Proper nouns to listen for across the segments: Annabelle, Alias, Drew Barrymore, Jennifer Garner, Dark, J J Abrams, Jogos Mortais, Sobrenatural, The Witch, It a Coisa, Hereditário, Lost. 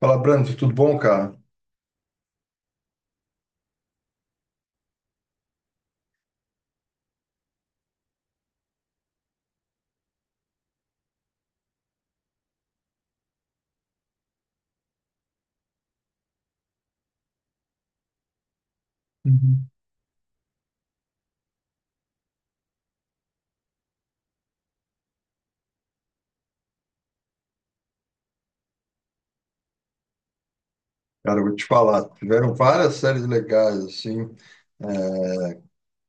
Fala, Brando, tudo bom, cara? Uhum. Cara, eu vou te falar, tiveram várias séries legais, assim, é,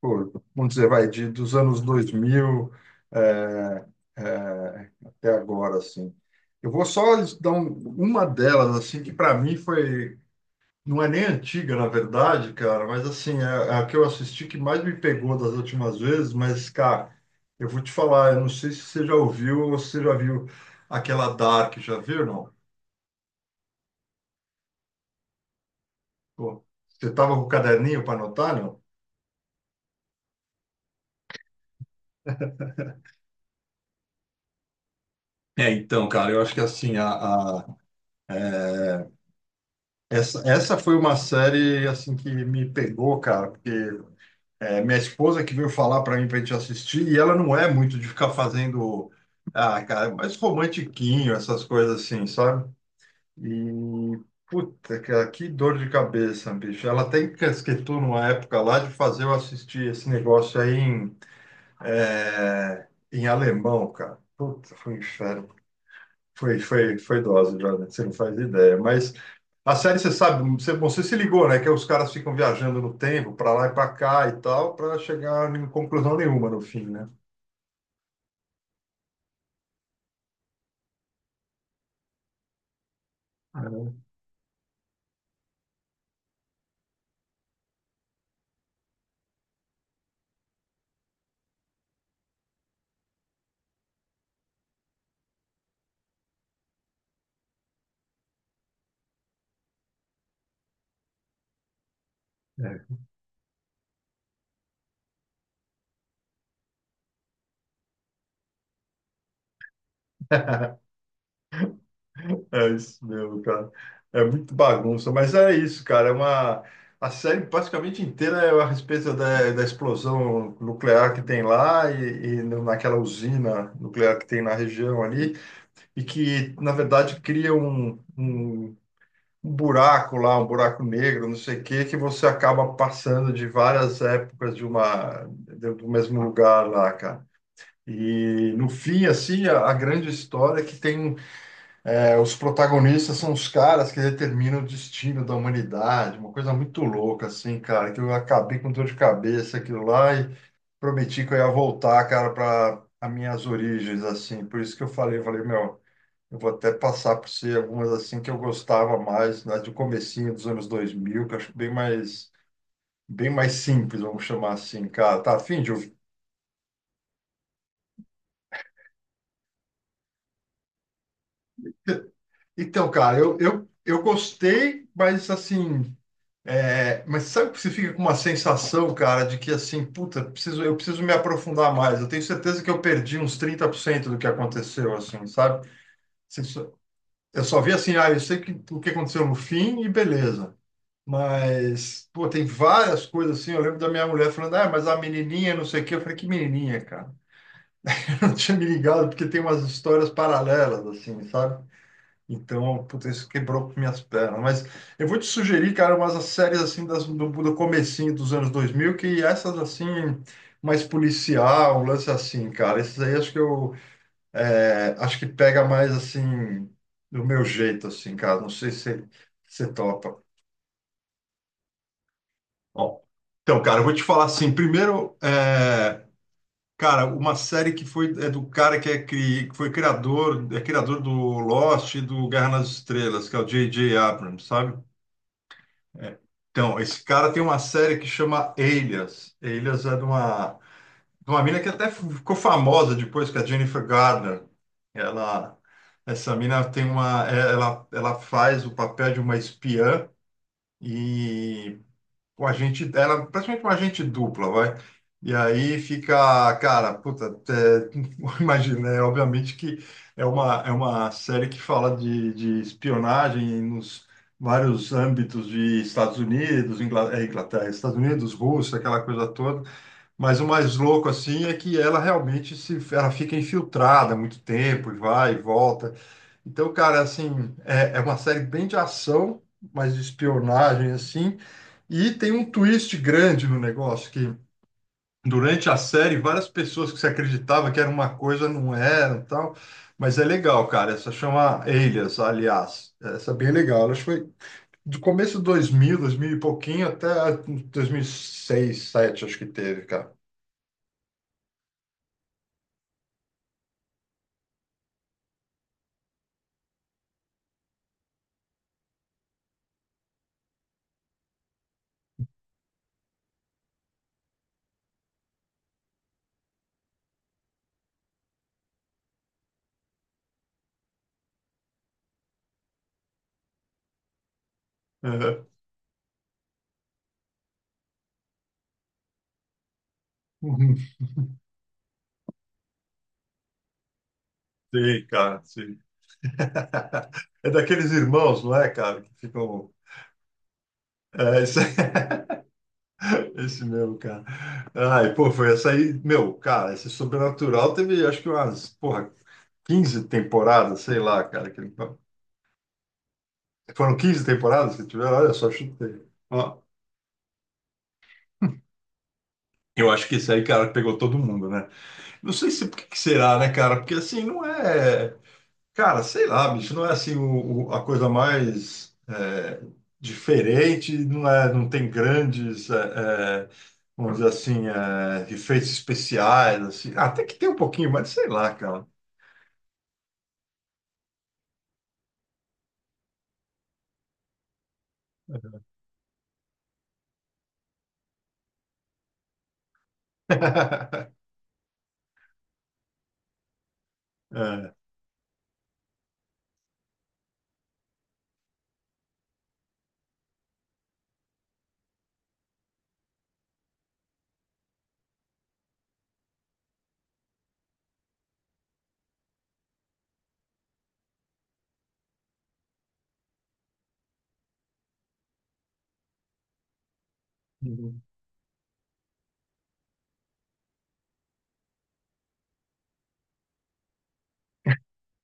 pô, vamos dizer, vai, dos anos 2000 é, até agora, assim. Eu vou só uma delas, assim, que para mim foi, não é nem antiga, na verdade, cara, mas, assim, é a que eu assisti que mais me pegou das últimas vezes, mas, cara, eu vou te falar, eu não sei se você já ouviu ou se você já viu aquela Dark, já viu, não? Pô, você estava com o caderninho para anotar, não? É, então, cara, eu acho que assim, a- é, essa foi uma série assim que me pegou, cara, porque minha esposa que veio falar para mim para gente assistir, e ela não é muito de ficar fazendo, ah, cara, é mais romantiquinho, essas coisas assim, sabe? E, puta, cara, que dor de cabeça, bicho. Ela até encasquetou numa época lá de fazer eu assistir esse negócio aí em alemão, cara. Puta, foi um inferno. Foi dose, Jordan, você não faz ideia. Mas a série, você sabe, você, bom, você se ligou, né? Que os caras ficam viajando no tempo, para lá e para cá e tal, para chegar em conclusão nenhuma no fim, né? É, É É isso mesmo, cara. É muito bagunça, mas é isso, cara. É uma A série basicamente inteira é a respeito da explosão nuclear que tem lá naquela usina nuclear que tem na região ali e que na verdade cria um buraco lá, um buraco negro, não sei o quê, que você acaba passando de várias épocas de do mesmo lugar lá, cara. E no fim, assim, a grande história é que os protagonistas são os caras que determinam o destino da humanidade, uma coisa muito louca, assim, cara, que eu acabei com dor de cabeça aquilo lá e prometi que eu ia voltar, cara, para as minhas origens, assim. Por isso que eu falei, meu. Eu vou até passar por si algumas assim que eu gostava mais, né, do comecinho dos anos 2000 que eu acho bem mais simples, vamos chamar assim, cara. Tá afim de ouvir? Então, cara, eu gostei, mas assim, mas sabe que você fica com uma sensação, cara, de que assim, puta, eu preciso me aprofundar mais. Eu tenho certeza que eu perdi uns 30% do que aconteceu, assim, sabe? Você só- Eu só vi assim, ah, eu sei que, o que aconteceu no fim e beleza. Mas, pô, tem várias coisas assim. Eu lembro da minha mulher falando, ah, mas a menininha, não sei o quê. Eu falei, que menininha, cara? Eu não tinha me ligado, porque tem umas histórias paralelas, assim, sabe? Então, puta, isso quebrou minhas pernas. Mas eu vou te sugerir, cara, umas séries assim do comecinho dos anos 2000 que essas assim, mais policial, um lance assim, cara. Esses aí acho que eu acho que pega mais assim, do meu jeito, assim, cara. Não sei se você topa. Ó, então, cara, eu vou te falar assim. Primeiro, cara, uma série que é criador do Lost e do Guerra nas Estrelas, que é o J J Abrams, sabe? Então, esse cara tem uma série que chama Alias. Alias é de uma mina que até ficou famosa depois, que é a Jennifer Garner. Ela, essa mina tem ela faz o papel de uma espiã. E um agente, ela é praticamente uma agente dupla, vai. E aí fica, cara, puta, imagina, obviamente que é uma série que fala de espionagem nos vários âmbitos de Estados Unidos, Inglaterra, Estados Unidos, Rússia, aquela coisa toda. Mas o mais louco, assim, é que ela realmente se, ela fica infiltrada há muito tempo, e vai e volta. Então, cara, assim, é uma série bem de ação, mas de espionagem, assim, e tem um twist grande no negócio, que durante a série, várias pessoas que você acreditava que era uma coisa, não era, e tal, mas é legal, cara, essa chama Elias, aliás, essa é bem legal, ela foi do começo de 2000, 2000 e pouquinho, até 2006, 2007, acho que teve, cara. Uhum. Uhum. Sei, cara, sim. É daqueles irmãos, não é, cara, que ficam... É, esse, esse meu, cara. Ai, pô, foi essa aí. Meu, cara, esse Sobrenatural teve acho que umas, porra, 15 temporadas, sei lá, cara. Que Foram 15 temporadas que tiveram? Olha só, chutei. Ó, eu acho que esse aí, cara, pegou todo mundo, né? Não sei se por que que será, né, cara? Porque assim, não é. Cara, sei lá, bicho, não é assim a coisa mais diferente, não é, não tem grandes, vamos dizer assim, efeitos especiais, assim. Ah, até que tem um pouquinho, mas sei lá, cara. É, uhum.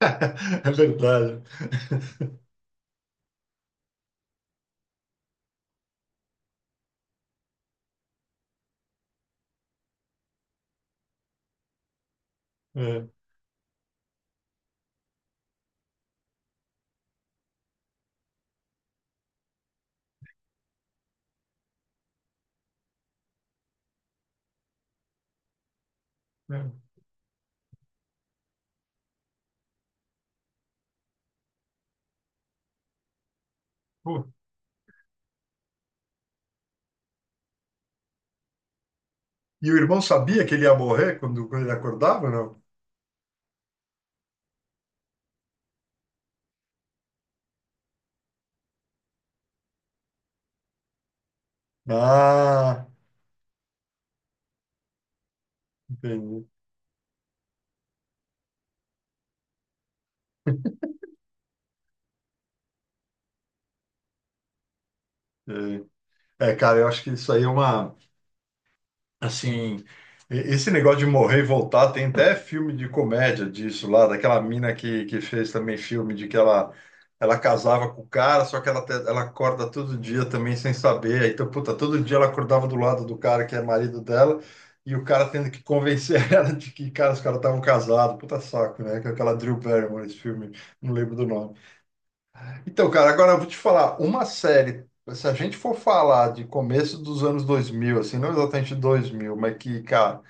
É verdade. É, é. Pô, e o irmão sabia que ele ia morrer quando ele acordava, ou não? Ah, entendi. É, É, cara, eu acho que isso aí é uma. Assim, esse negócio de morrer e voltar, tem até filme de comédia disso lá, daquela mina que fez também filme de que ela casava com o cara, só que ela acorda todo dia também sem saber. Então, puta, todo dia ela acordava do lado do cara que é marido dela e o cara tendo que convencer ela de que, cara, os caras estavam casados. Puta saco, né? Que é aquela Drew Barrymore, esse filme, não lembro do nome. Então, cara, agora eu vou te falar, uma série, se a gente for falar de começo dos anos 2000, assim, não exatamente 2000, mas que, cara,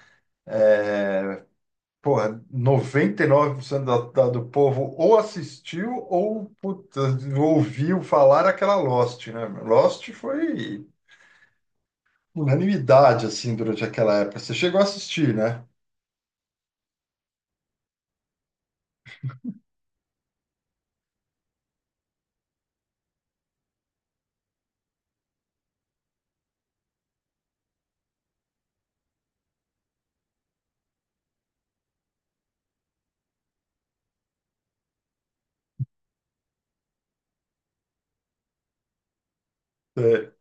porra, 99% do povo ou assistiu ou puta, ouviu falar aquela Lost, né? Lost foi unanimidade, assim, durante aquela época. Você chegou a assistir, né? É,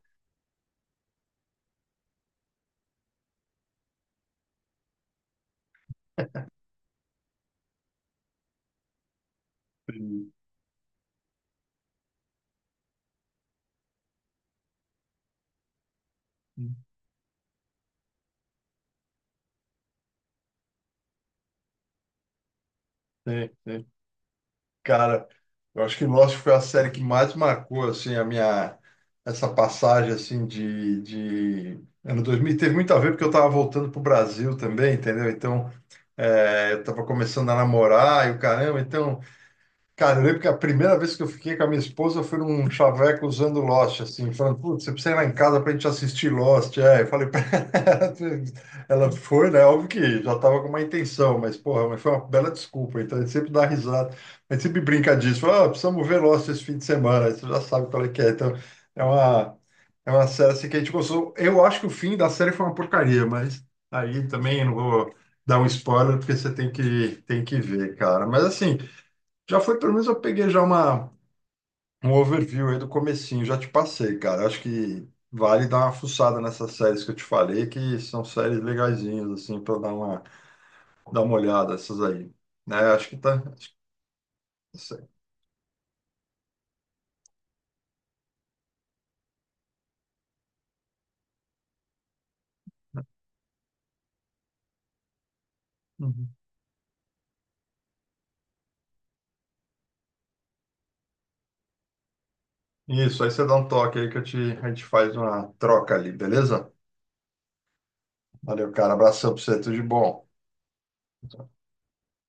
sim, sim, sim. Cara, eu acho que Lost foi a série que mais marcou assim a minha essa passagem assim de ano 2000. Teve muito a ver porque eu estava voltando pro Brasil também, entendeu? Então, eu estava começando a namorar e o caramba, então... Cara, eu lembro que a primeira vez que eu fiquei com a minha esposa foi num chaveco usando Lost, assim, falando, putz, você precisa ir lá em casa pra gente assistir Lost. É, eu falei pra ela, ela foi, né? Óbvio que já tava com uma intenção, mas, porra, mas foi uma bela desculpa, então a gente sempre dá risada, a gente sempre brinca disso, fala, ah, precisamos ver Lost esse fim de semana, aí você já sabe qual é que é, então é uma, é uma série assim, que a gente gostou. Eu acho que o fim da série foi uma porcaria, mas aí também eu não vou dar um spoiler, porque você tem que, ver, cara, mas assim. Já foi, pelo menos eu peguei já um overview aí do comecinho, já te passei, cara. Acho que vale dar uma fuçada nessas séries que eu te falei, que são séries legazinhas, assim, para dar uma olhada, essas aí. Né? Acho que tá. Acho que tá certo. Uhum. Isso, aí você dá um toque aí a gente faz uma troca ali, beleza? Valeu, cara. Abração pra você, tudo de bom.